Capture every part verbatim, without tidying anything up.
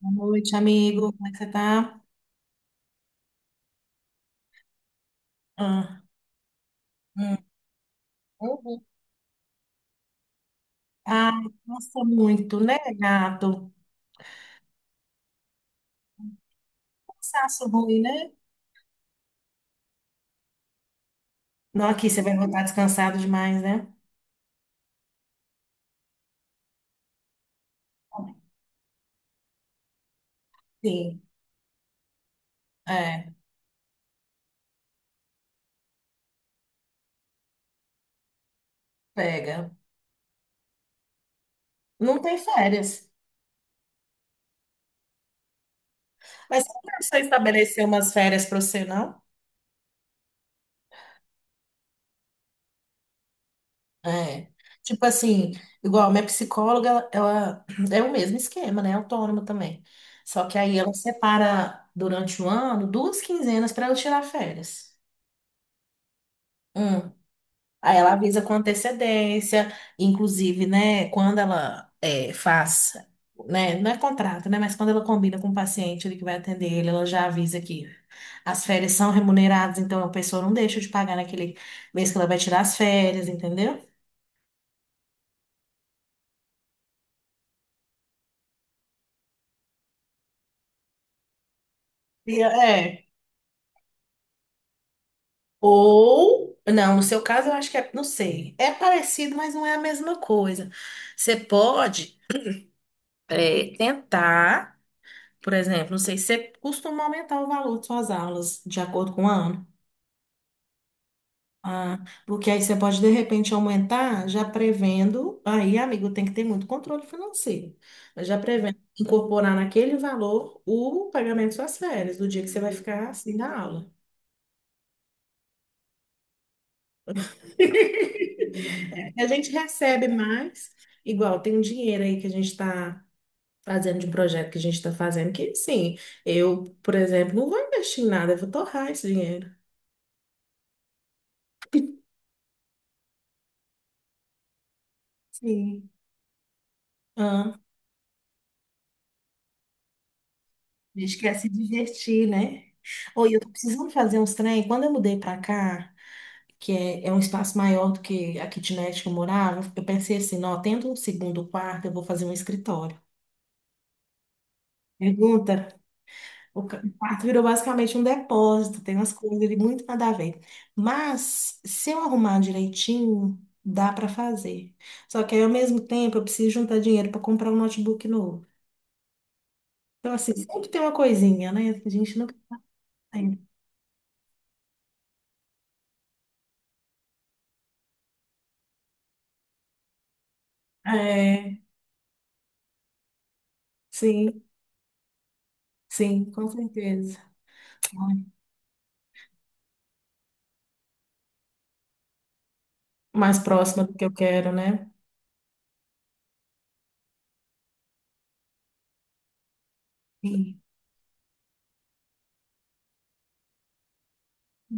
Boa noite, amigo. Como é que você tá? Ah, hum. Uhum. Ai, nossa, muito, né, gato? Cansaço ruim, né? Não, aqui você vai voltar descansado demais, né? Sim, é, pega. Não tem férias. Mas você não precisa estabelecer umas férias para você, não? É. Tipo assim, igual minha psicóloga, ela, ela- é o mesmo esquema, né? Autônoma também. Só que aí ela separa durante o ano duas quinzenas para eu tirar férias. Aí ela avisa com antecedência, inclusive, né, quando ela é, faz, né, não é contrato, né, mas quando ela combina com o paciente ele que vai atender ele, ela já avisa que as férias são remuneradas, então a pessoa não deixa de pagar naquele mês que ela vai tirar as férias, entendeu? E é. Ou, não, no seu caso eu acho que é, não sei, é parecido, mas não é a mesma coisa. Você pode é, tentar, por exemplo, não sei, você costuma aumentar o valor de suas aulas de acordo com o ano. Ah, porque aí você pode de repente aumentar, já prevendo. Aí, amigo, tem que ter muito controle financeiro. Mas já prevendo incorporar naquele valor o pagamento de suas férias, do dia que você vai ficar assim da aula. A gente recebe mais, igual tem um dinheiro aí que a gente está fazendo de um projeto que a gente está fazendo, que sim, eu, por exemplo, não vou investir em nada, eu vou torrar esse dinheiro. Sim. A gente quer se divertir, né? Oi, eu tô precisando fazer uns trem. Quando eu mudei pra cá, que é, é um espaço maior do que a kitnet que eu morava, eu pensei assim, não, tendo um segundo quarto, eu vou fazer um escritório. Pergunta, o ca- o quarto virou basicamente um depósito, tem umas coisas ali muito nada a ver. Mas, se eu arrumar direitinho, dá pra fazer. Só que aí, ao mesmo tempo, eu preciso juntar dinheiro pra comprar um notebook novo. Então, assim, sempre tem uma coisinha, né? A gente nunca tem. É, sim. Sim, com certeza. Mais próxima do que eu quero, né? Sim.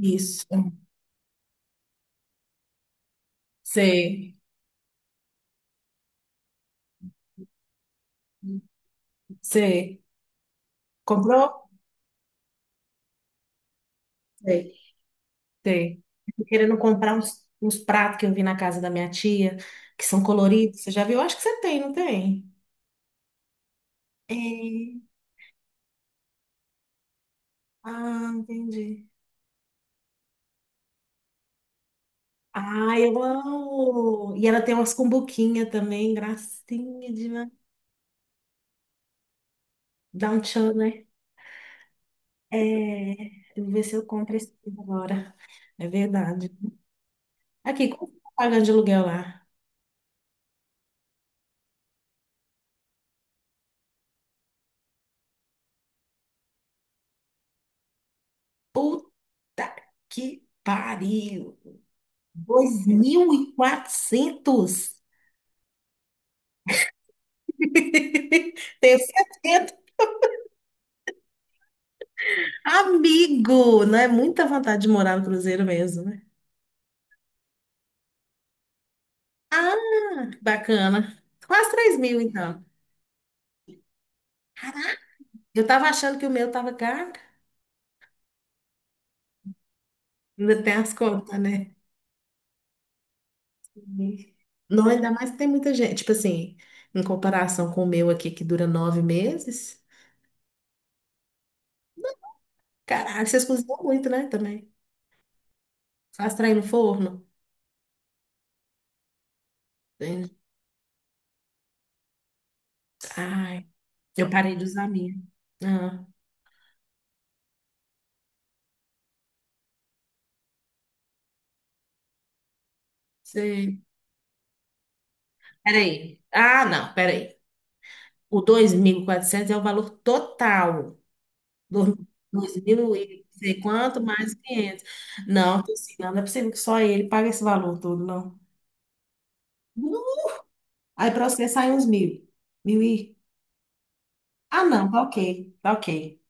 Isso. Sei, sei. Comprou? Sei, sei. Tô querendo comprar uns, uns pratos que eu vi na casa da minha tia, que são coloridos. Você já viu? Eu acho que você tem, não tem? É. Ah, entendi. Ah, eu amo! E ela tem umas cumbuquinhas também, gracinha demais. Dá um tchan, né? É, eu vou ver se eu compro esse agora. É verdade. Aqui, como que tá pagando de aluguel lá? Puta que pariu! Dois mil e quatrocentos. Tenho certeza. Amigo, não é muita vontade de morar no Cruzeiro mesmo, né? Ah, bacana. Quase três mil, então. Eu tava achando que o meu tava caro. Ainda tem as contas, né? Não, ainda mais que tem muita gente. Tipo assim, em comparação com o meu aqui, que dura nove meses. Caralho, vocês cozinham muito, né? Também. Faz trem no forno. Entendi. Ai, eu parei de usar a minha. Ah, sei. Peraí. Ah, não, peraí. O dois mil e quatrocentos é o valor total. Do- Dois mil e não sei quanto, mais quinhentos. Não, tô assim, não, não é possível que só ele pague esse valor todo, não. Não. Aí para você sai uns mil. Mil e... Ah, não, tá ok. Tá ok.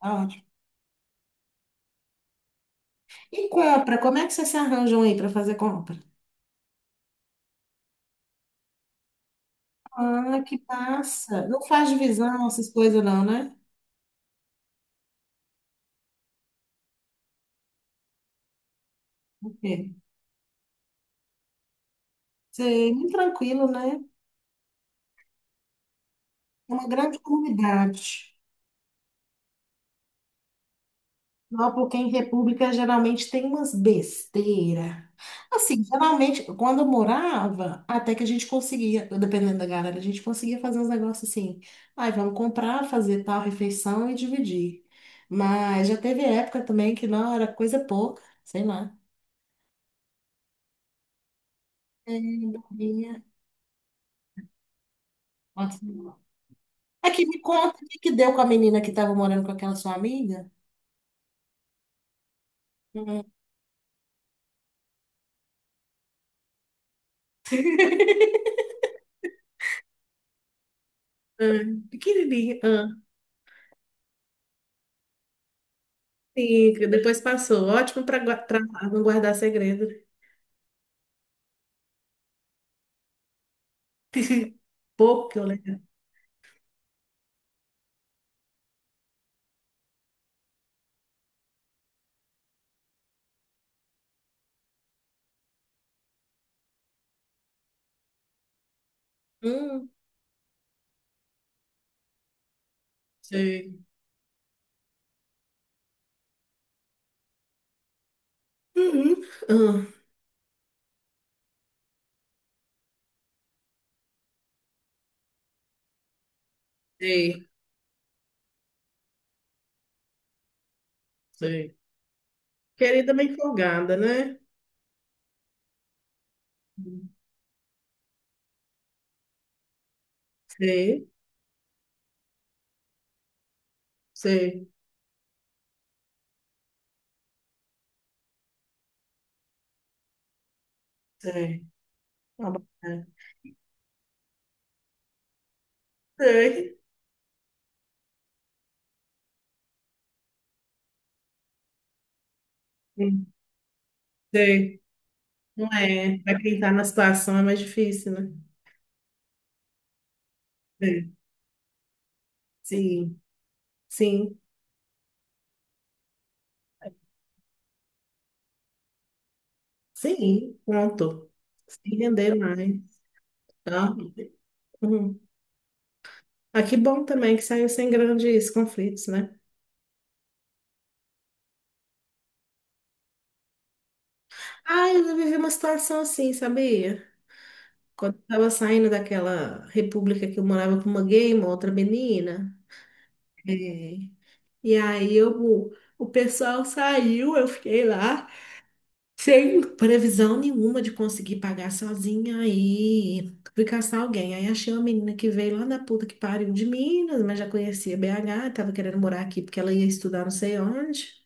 Tá ótimo. E compra, como é que vocês se arranjam aí para fazer compra? Ah, que passa. Não faz divisão, essas coisas não, né? Ok. Sei, muito tranquilo, né? É uma grande comunidade. Não, porque em república geralmente tem umas besteira. Assim, geralmente, quando eu morava, até que a gente conseguia, dependendo da galera, a gente conseguia fazer uns negócios assim. Ai, vamos comprar, fazer tal refeição e dividir. Mas já teve época também que não era coisa pouca, sei lá. É, bobinha. Nossa, não. Aqui, me conta o que que deu com a menina que estava morando com aquela sua amiga? Hum, hum, pequenininha. Sim, que depois passou. Ótimo para não guardar segredo. Pouco que eu lembro. Hum, sei. Uhum. Ah, sei, sei. Querida bem folgada, né? Sei, sei, sei. Tá bom, né? Sei. Hum, sei. Não é. Para quem está na situação é mais difícil, né? Sei. Sim, sim, sim. Pronto. Se render mais. Tá? Uhum. Ah, que bom também que saiu sem grandes conflitos, né? Ah, eu já vivi uma situação assim, sabia? Quando eu tava saindo daquela república que eu morava com uma gay, uma outra menina. É. E aí eu, o pessoal saiu, eu fiquei lá, sem previsão nenhuma de conseguir pagar sozinha. Aí fui caçar alguém. Aí achei uma menina que veio lá da puta que pariu de Minas, mas já conhecia B H, tava querendo morar aqui porque ela ia estudar não sei onde.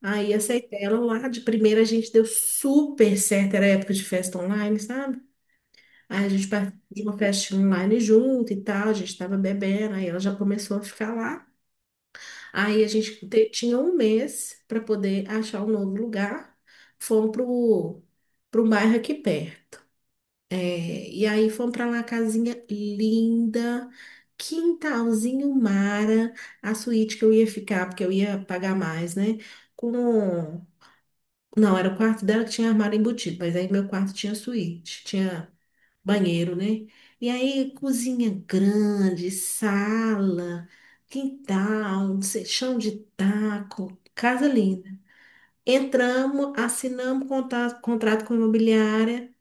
Aí aceitei ela lá, de primeira a gente deu super certo, era época de festa online, sabe? Aí a gente participou de uma festa online junto e tal, a gente estava bebendo, aí ela já começou a ficar lá. Aí a gente te- tinha um mês para poder achar um novo lugar. Fomos pro, pro bairro aqui perto. É, e aí fomos para lá, casinha linda, quintalzinho mara, a suíte que eu ia ficar, porque eu ia pagar mais, né? Com... Não, era o quarto dela que tinha armário embutido, mas aí meu quarto tinha suíte, tinha banheiro, né? E aí, cozinha grande, sala, quintal, não sei, chão de taco, casa linda. Entramos, assinamos contato, contrato com a imobiliária.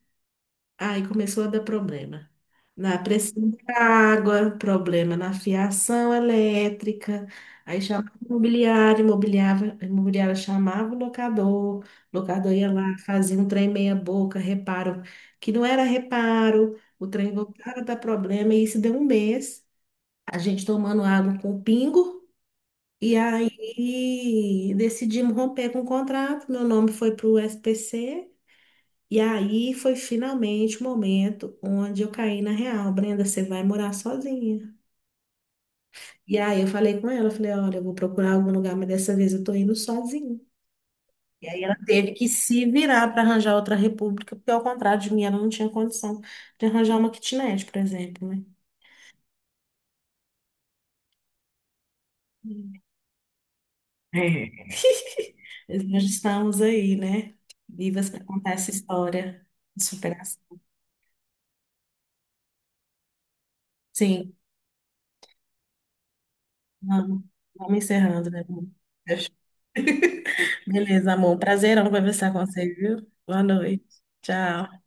Aí começou a dar problema. Na pressão da água, problema na fiação elétrica. Aí chamava o imobiliário, imobiliava, imobiliária chamava o locador, o locador ia lá, fazia um trem meia boca, reparo, que não era reparo, o trem voltava a dar problema, e isso deu um mês, a gente tomando água com pingo, e aí decidimos romper com o contrato, meu nome foi para o S P C, e aí foi finalmente o momento onde eu caí na real. Brenda, você vai morar sozinha. E aí eu falei com ela, eu falei, olha, eu vou procurar algum lugar, mas dessa vez eu tô indo sozinha. E aí ela teve que se virar para arranjar outra república, porque ao contrário de mim, ela não tinha condição de arranjar uma kitnet, por exemplo, né? Hum. É. Nós estamos aí, né? Vivas para contar essa história de superação. Sim, vamos, vamos encerrando, né? Beleza, amor. Prazer em conversar com você, viu? Boa noite. Tchau.